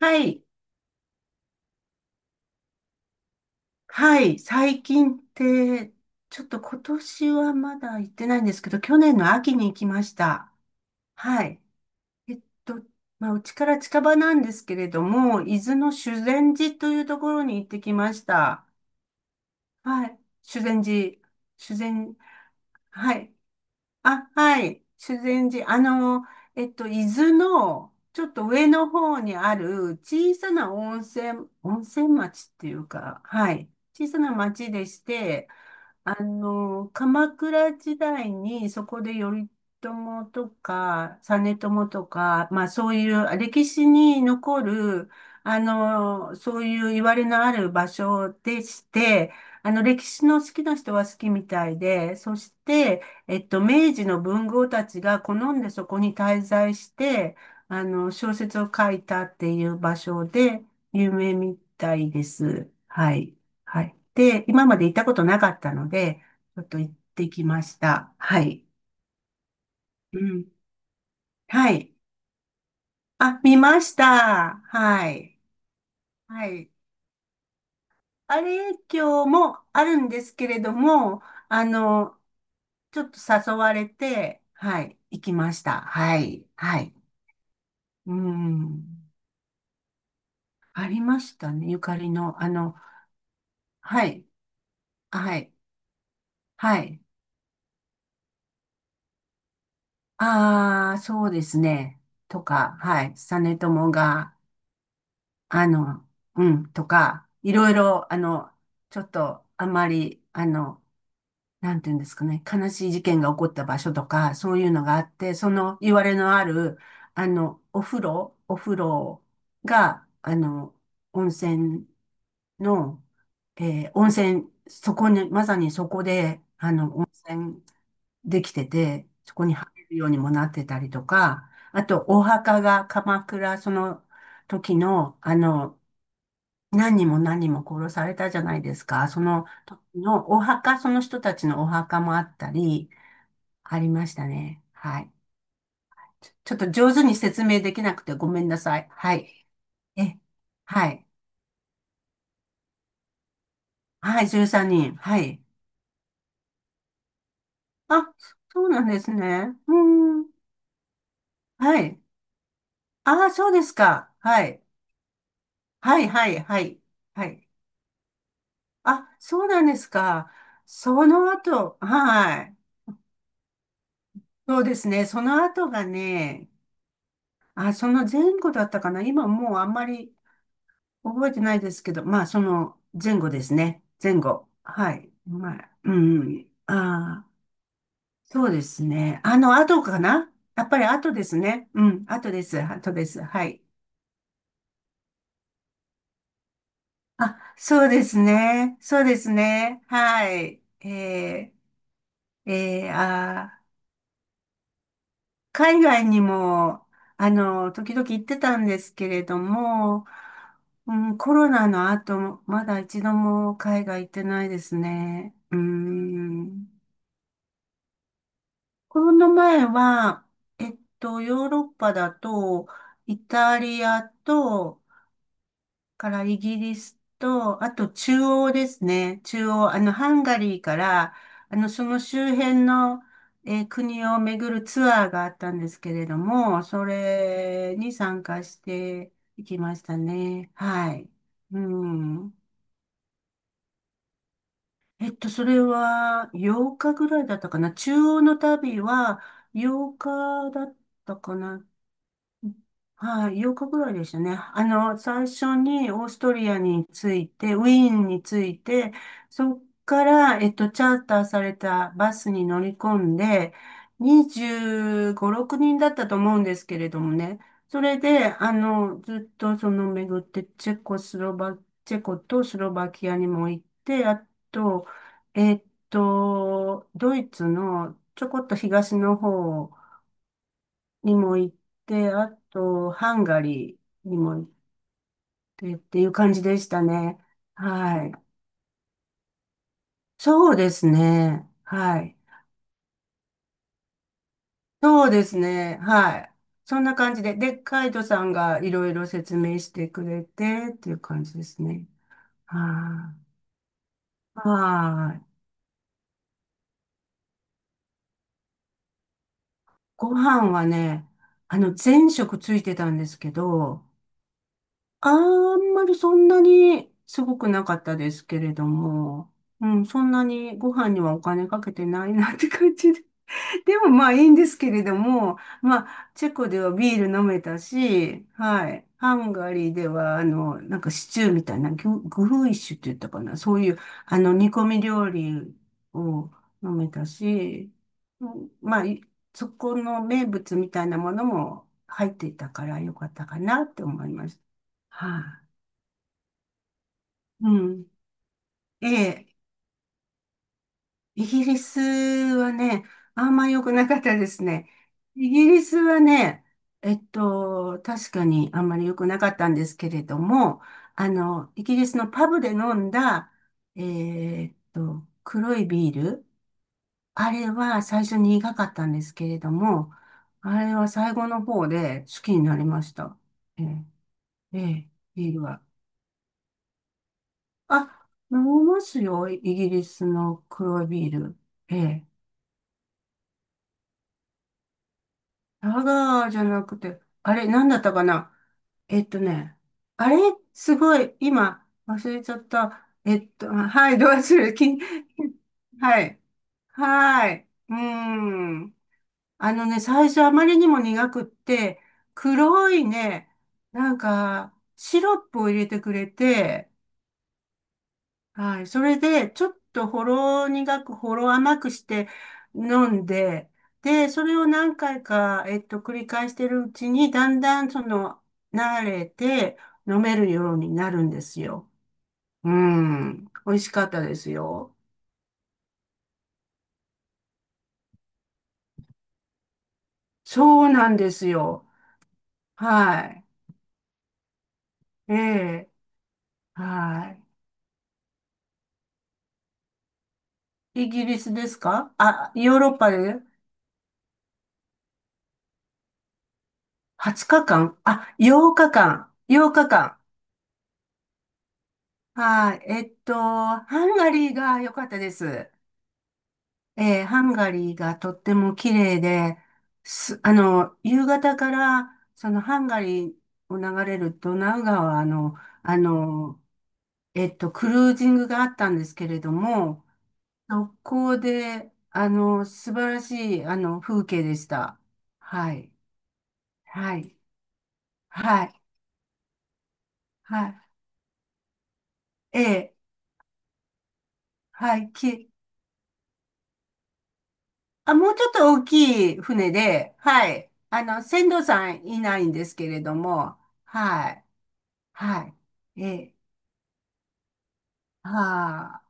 はい、はい、最近って、ちょっと今年はまだ行ってないんですけど、去年の秋に行きました。はい。えっと、まあ、うちから近場なんですけれども、伊豆の修善寺というところに行ってきました。はい。修善寺。修善、はい。あ、はい。修善寺。伊豆の、ちょっと上の方にある小さな温泉、温泉町っていうか、はい。小さな町でして、鎌倉時代にそこで頼朝とか、実朝とか、まあそういう歴史に残る、そういう言われのある場所でして、歴史の好きな人は好きみたいで、そして、明治の文豪たちが好んでそこに滞在して、小説を書いたっていう場所で有名みたいです。はい。はい。で、今まで行ったことなかったので、ちょっと行ってきました。はい。うん。はい。あ、見ました。はい。はい。あれ、今日もあるんですけれども、あの、ちょっと誘われて、はい。行きました。はい。はい。うん。ありましたね。ゆかりの、はい。はい。はい。ああ、そうですね。とか、はい。実朝が、あの、うん、とか、いろいろ、あの、ちょっと、あんまり、なんていうんですかね、悲しい事件が起こった場所とか、そういうのがあって、その、いわれのある、お風呂、お風呂が、温泉の、温泉、そこに、まさにそこで、温泉できてて、そこに入るようにもなってたりとか、あと、お墓が鎌倉、その時の、何人も何人も殺されたじゃないですか。その時のお墓、その人たちのお墓もあったり、ありましたね。はい。ちょっと上手に説明できなくてごめんなさい。はい。え、はい。はい、13人。はい。あ、そうなんですね。うーん。はい。ああ、そうですか。はい。はいはいはい。はい。あ、そうなんですか。その後、はい。そうですね。その後がね、あ、その前後だったかな。今もうあんまり覚えてないですけど、まあその前後ですね。前後。はい。まあ、うん。ああそうですね。あの後かな。やっぱり後ですね。うん。後です。後です。はい。あ、そうですね。そうですね。はい。ー、えー、あー海外にも、時々行ってたんですけれども、うん、コロナの後、まだ一度も海外行ってないですね。うん。コロナ前は、ヨーロッパだと、イタリアと、からイギリスと、あと中央ですね。中央、ハンガリーから、その周辺の、国を巡るツアーがあったんですけれども、それに参加していきましたね。はい。うん。えっと、それは8日ぐらいだったかな。中央の旅は8日だったかな。はい、8日ぐらいでしたね。最初にオーストリアについて、ウィーンについて、そっから、チャーターされたバスに乗り込んで、25、6人だったと思うんですけれどもね。それで、ずっとその巡って、チェコとスロバキアにも行って、あと、えっドイツのちょこっと東の方にも行って、あと、ハンガリーにも行ってっていう感じでしたね。はい。そうですね。はい。そうですね。はい。そんな感じで。で、カイトさんがいろいろ説明してくれてっていう感じですね。はい。はい。ご飯はね、全食ついてたんですけど、あんまりそんなにすごくなかったですけれども、うん、そんなにご飯にはお金かけてないなって感じで。でもまあいいんですけれども、まあチェコではビール飲めたし、はい。ハンガリーでは、なんかシチューみたいな、グフイシュって言ったかな。そういう、煮込み料理を飲めたし、うんまあ、いそこの名物みたいなものも入っていたからよかったかなって思います。はいうん。ええ、イギリスはね、あんま良くなかったですね。イギリスはね、確かにあんまり良くなかったんですけれども、イギリスのパブで飲んだ、黒いビール、あれは最初に苦かったんですけれども、あれは最後の方で好きになりました。ええ、ええ、ビールは。あ、飲みますよ、イギリスの黒いビール。ええラガーじゃなくて、あれ、なんだったかなえっとね、あれ、すごい、今、忘れちゃった。あはい、どうするき、はい。はい。うーん。あのね、最初あまりにも苦くって、黒いね、なんか、シロップを入れてくれて、はい。それで、ちょっとほろ苦く、ほろ甘くして飲んで、で、それを何回か、繰り返してるうちに、だんだん、その、慣れて飲めるようになるんですよ。うん。美味しかったですよ。そうなんですよ。はい。ええ。はい。イギリスですかあ、ヨーロッパで20日間あ、8日間。8日間。はい。ハンガリーが良かったです。ハンガリーがとっても綺麗で、す、夕方から、そのハンガリーを流れるドナウ川の、あの、クルージングがあったんですけれども、そこで、素晴らしい、風景でした。はい。はい。はい。はい。ええ。はい。き、あ、もうちょっと大きい船で、はい。船頭さんいないんですけれども、はい。はい。え、は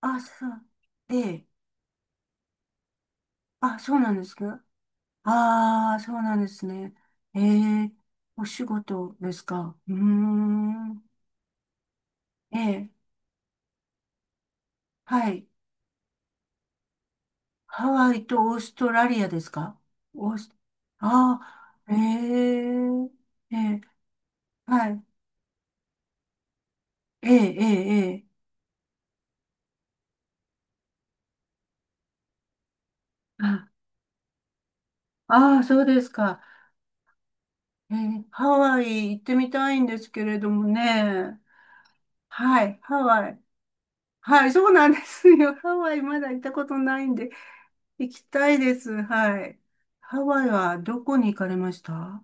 あ、あ、そう、え、あ、そうなんですかああそうなんですね。ええお仕事ですかうーん。ええ、はい。ハワイとオーストラリアですかオース、ああ、ええええ、はい。え、え、え、え、あ、ああー、そうですか。ハワイ行ってみたいんですけれどもね。はい、ハワイ。はい、そうなんですよ。ハワイまだ行ったことないんで、行きたいです。はい。ハワイはどこに行かれました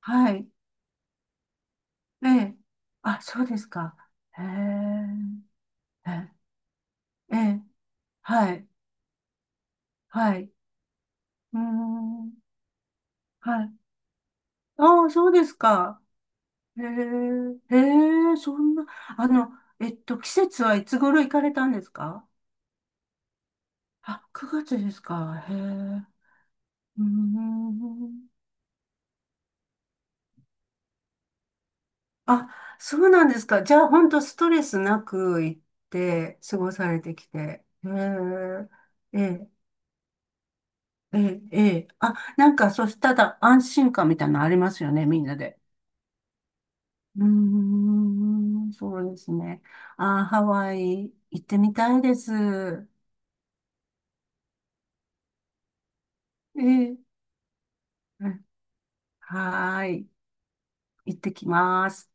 はい。ええ。あ、そうですか。へえ。ええ。ええはい。はい。うーん。はい。ああ、そうですか。へえ。へえ、そんな、あの、季節はいつ頃行かれたんですかあ、9月ですか。へえ。うーん。あ、そうなんですか。じゃあ、本当ストレスなく行って過ごされてきて。へーええ、ええ、ええ。あ、なんか、そしたら安心感みたいなのありますよね、みんなで。うーん、そうですね。あー、ハワイ行ってみたいです。ええ、うんはーい。行ってきます。